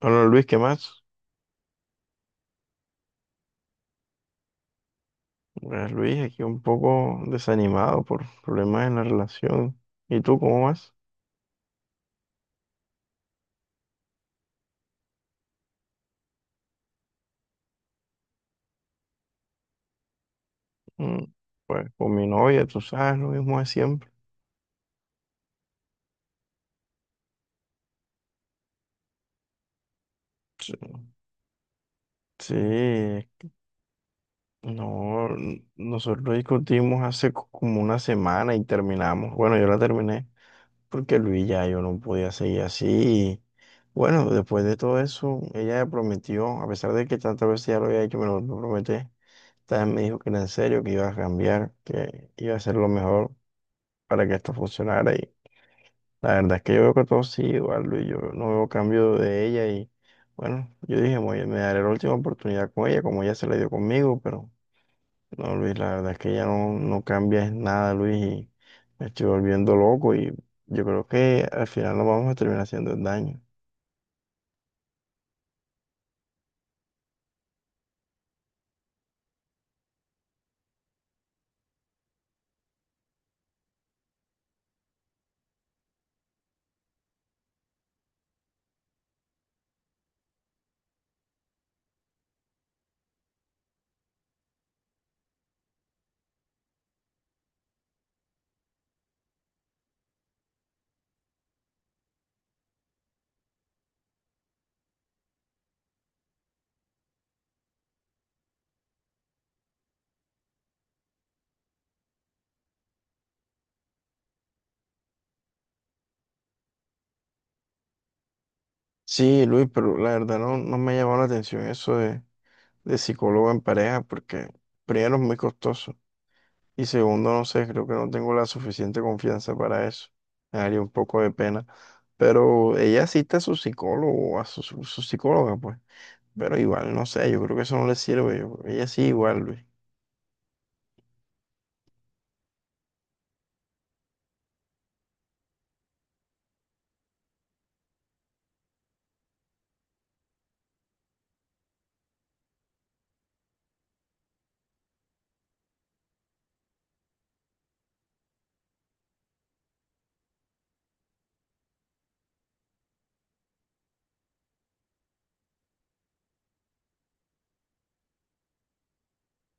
Bueno, Luis, ¿qué más? Pues, Luis, aquí un poco desanimado por problemas en la relación. ¿Y tú cómo vas? Mm, Pues con mi novia, tú sabes, lo mismo de siempre. Sí, sí, no, nosotros discutimos hace como una semana y terminamos. Bueno, yo la terminé porque, Luis, ya yo no podía seguir así. Bueno, después de todo eso, ella me prometió, a pesar de que tantas veces ya lo había hecho, me lo prometí. También me dijo que era en serio, que iba a cambiar, que iba a ser lo mejor para que esto funcionara. Y la verdad es que yo veo que todo sigue igual, Luis. Yo no veo cambio de ella. Y bueno, yo dije: Me daré la última oportunidad con ella, como ella se la dio conmigo". Pero no, Luis, la verdad es que ella no, no cambia en nada, Luis. Y me estoy volviendo loco. Y yo creo que al final nos vamos a terminar haciendo el daño. Sí, Luis, pero la verdad no, no me ha llamado la atención eso de psicólogo en pareja, porque primero es muy costoso. Y segundo, no sé, creo que no tengo la suficiente confianza para eso. Me daría un poco de pena. Pero ella cita a su psicólogo, a su, su psicóloga, pues. Pero igual, no sé, yo creo que eso no le sirve. Ella sí, igual, Luis.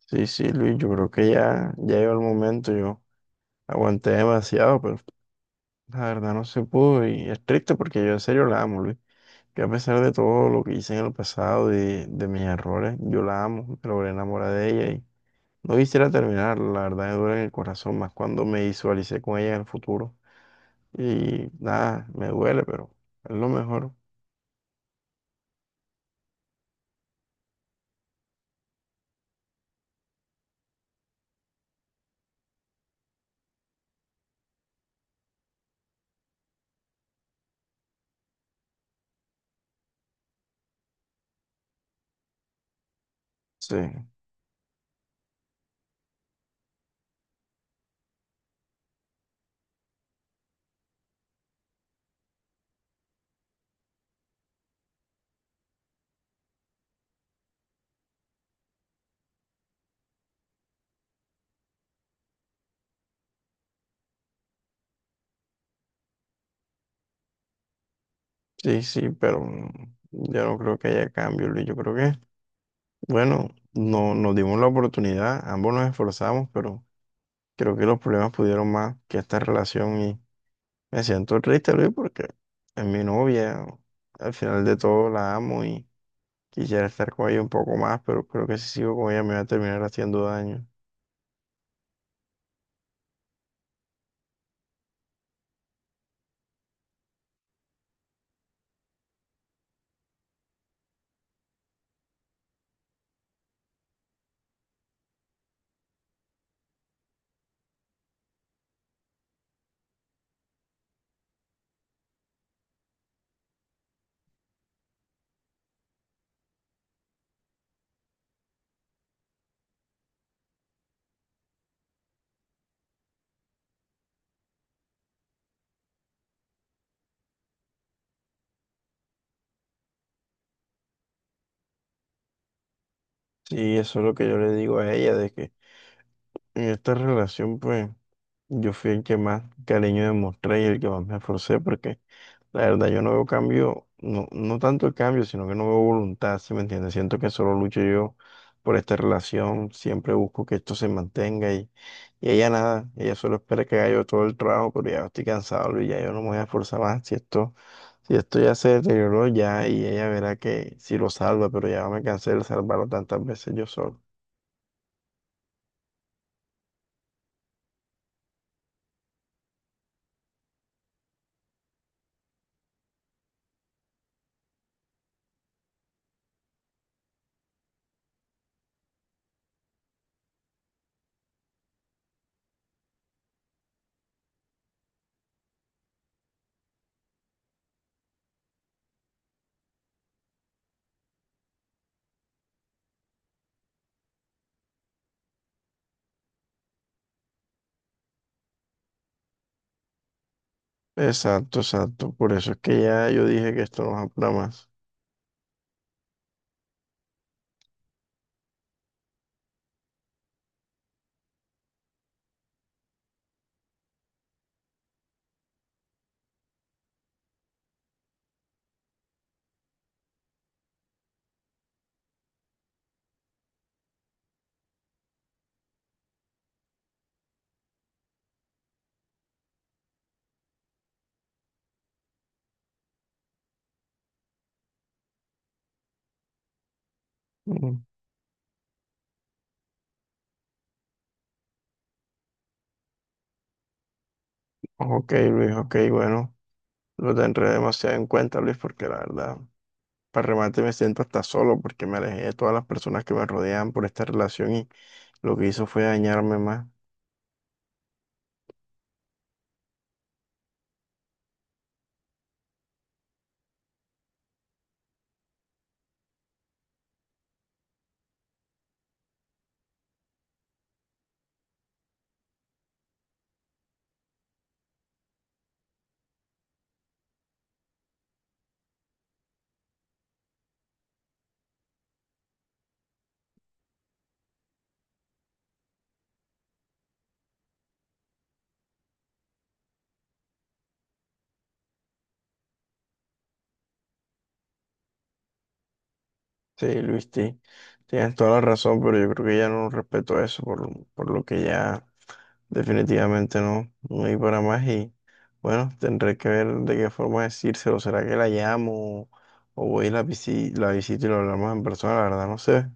Sí, sí, Luis, yo creo que ya, ya llegó el momento. Yo aguanté demasiado, pero la verdad no se pudo. Y es triste porque yo en serio la amo, Luis. Yo, a pesar de todo lo que hice en el pasado, de mis errores, yo la amo. Me logré enamorar de ella. No quisiera terminar, la verdad me duele en el corazón, más cuando me visualicé con ella en el futuro. Y nada, me duele, pero es lo mejor. Sí, sí, sí, pero yo no creo que haya cambio, Luis. Yo creo que, bueno, no, nos dimos la oportunidad, ambos nos esforzamos, pero creo que los problemas pudieron más que esta relación y me siento triste, Luis, porque es mi novia, al final de todo la amo y quisiera estar con ella un poco más, pero creo que si sigo con ella me va a terminar haciendo daño. Sí, eso es lo que yo le digo a ella, de que en esta relación, pues, yo fui el que más cariño demostré y el que más me esforcé, porque la verdad yo no veo cambio, no, no tanto el cambio, sino que no veo voluntad. ¿Sí me entiendes? Siento que solo lucho yo por esta relación, siempre busco que esto se mantenga, y ella nada, ella solo espera que haga yo todo el trabajo, pero ya estoy cansado y ya yo no me voy a esforzar más. Si esto ya se deterioró ya, y ella verá que si lo salva, pero ya me cansé de salvarlo tantas veces yo solo. Exacto, exacto. Por eso es que ya yo dije que esto no es apura más. Mm. Ok, Luis, ok, bueno. Lo tendré demasiado en cuenta, Luis, porque la verdad, para remate me siento hasta solo porque me alejé de todas las personas que me rodeaban por esta relación y lo que hizo fue dañarme más. Sí, Luis, tienes toda la razón, pero yo creo que ya no respeto eso por lo que ya... Definitivamente no, no hay para más y bueno, tendré que ver de qué forma decírselo. ¿Será que la llamo o voy y la la visito y lo hablamos en persona? La verdad no sé.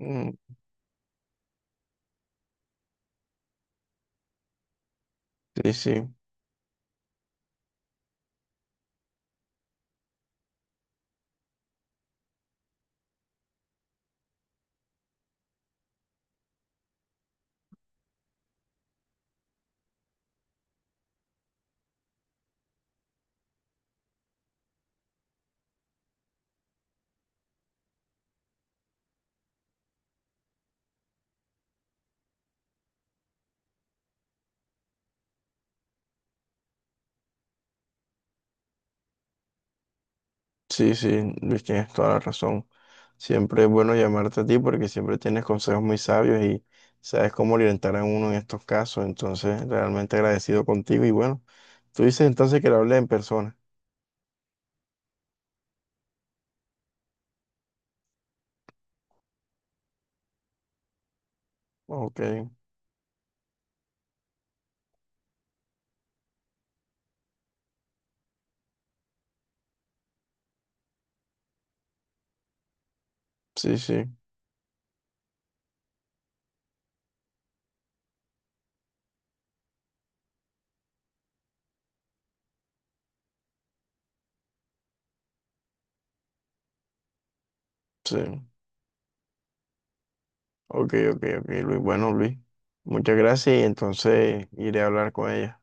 Mm. Sí, sí, sí, sí, Luis, tienes toda la razón. Siempre es bueno llamarte a ti porque siempre tienes consejos muy sabios y sabes cómo orientar a uno en estos casos. Entonces, realmente agradecido contigo y bueno, tú dices entonces que la hablé en persona. Ok, sí, sí, sí. Ok, ok, ok, Luis. Bueno, Luis, muchas gracias y entonces iré a hablar con ella.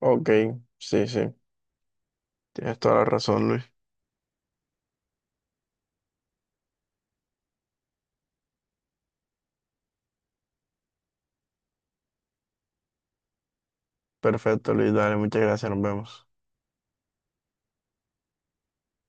Ok, sí, sí, tienes toda la razón, Luis. Perfecto, Luis, dale, muchas gracias, nos vemos.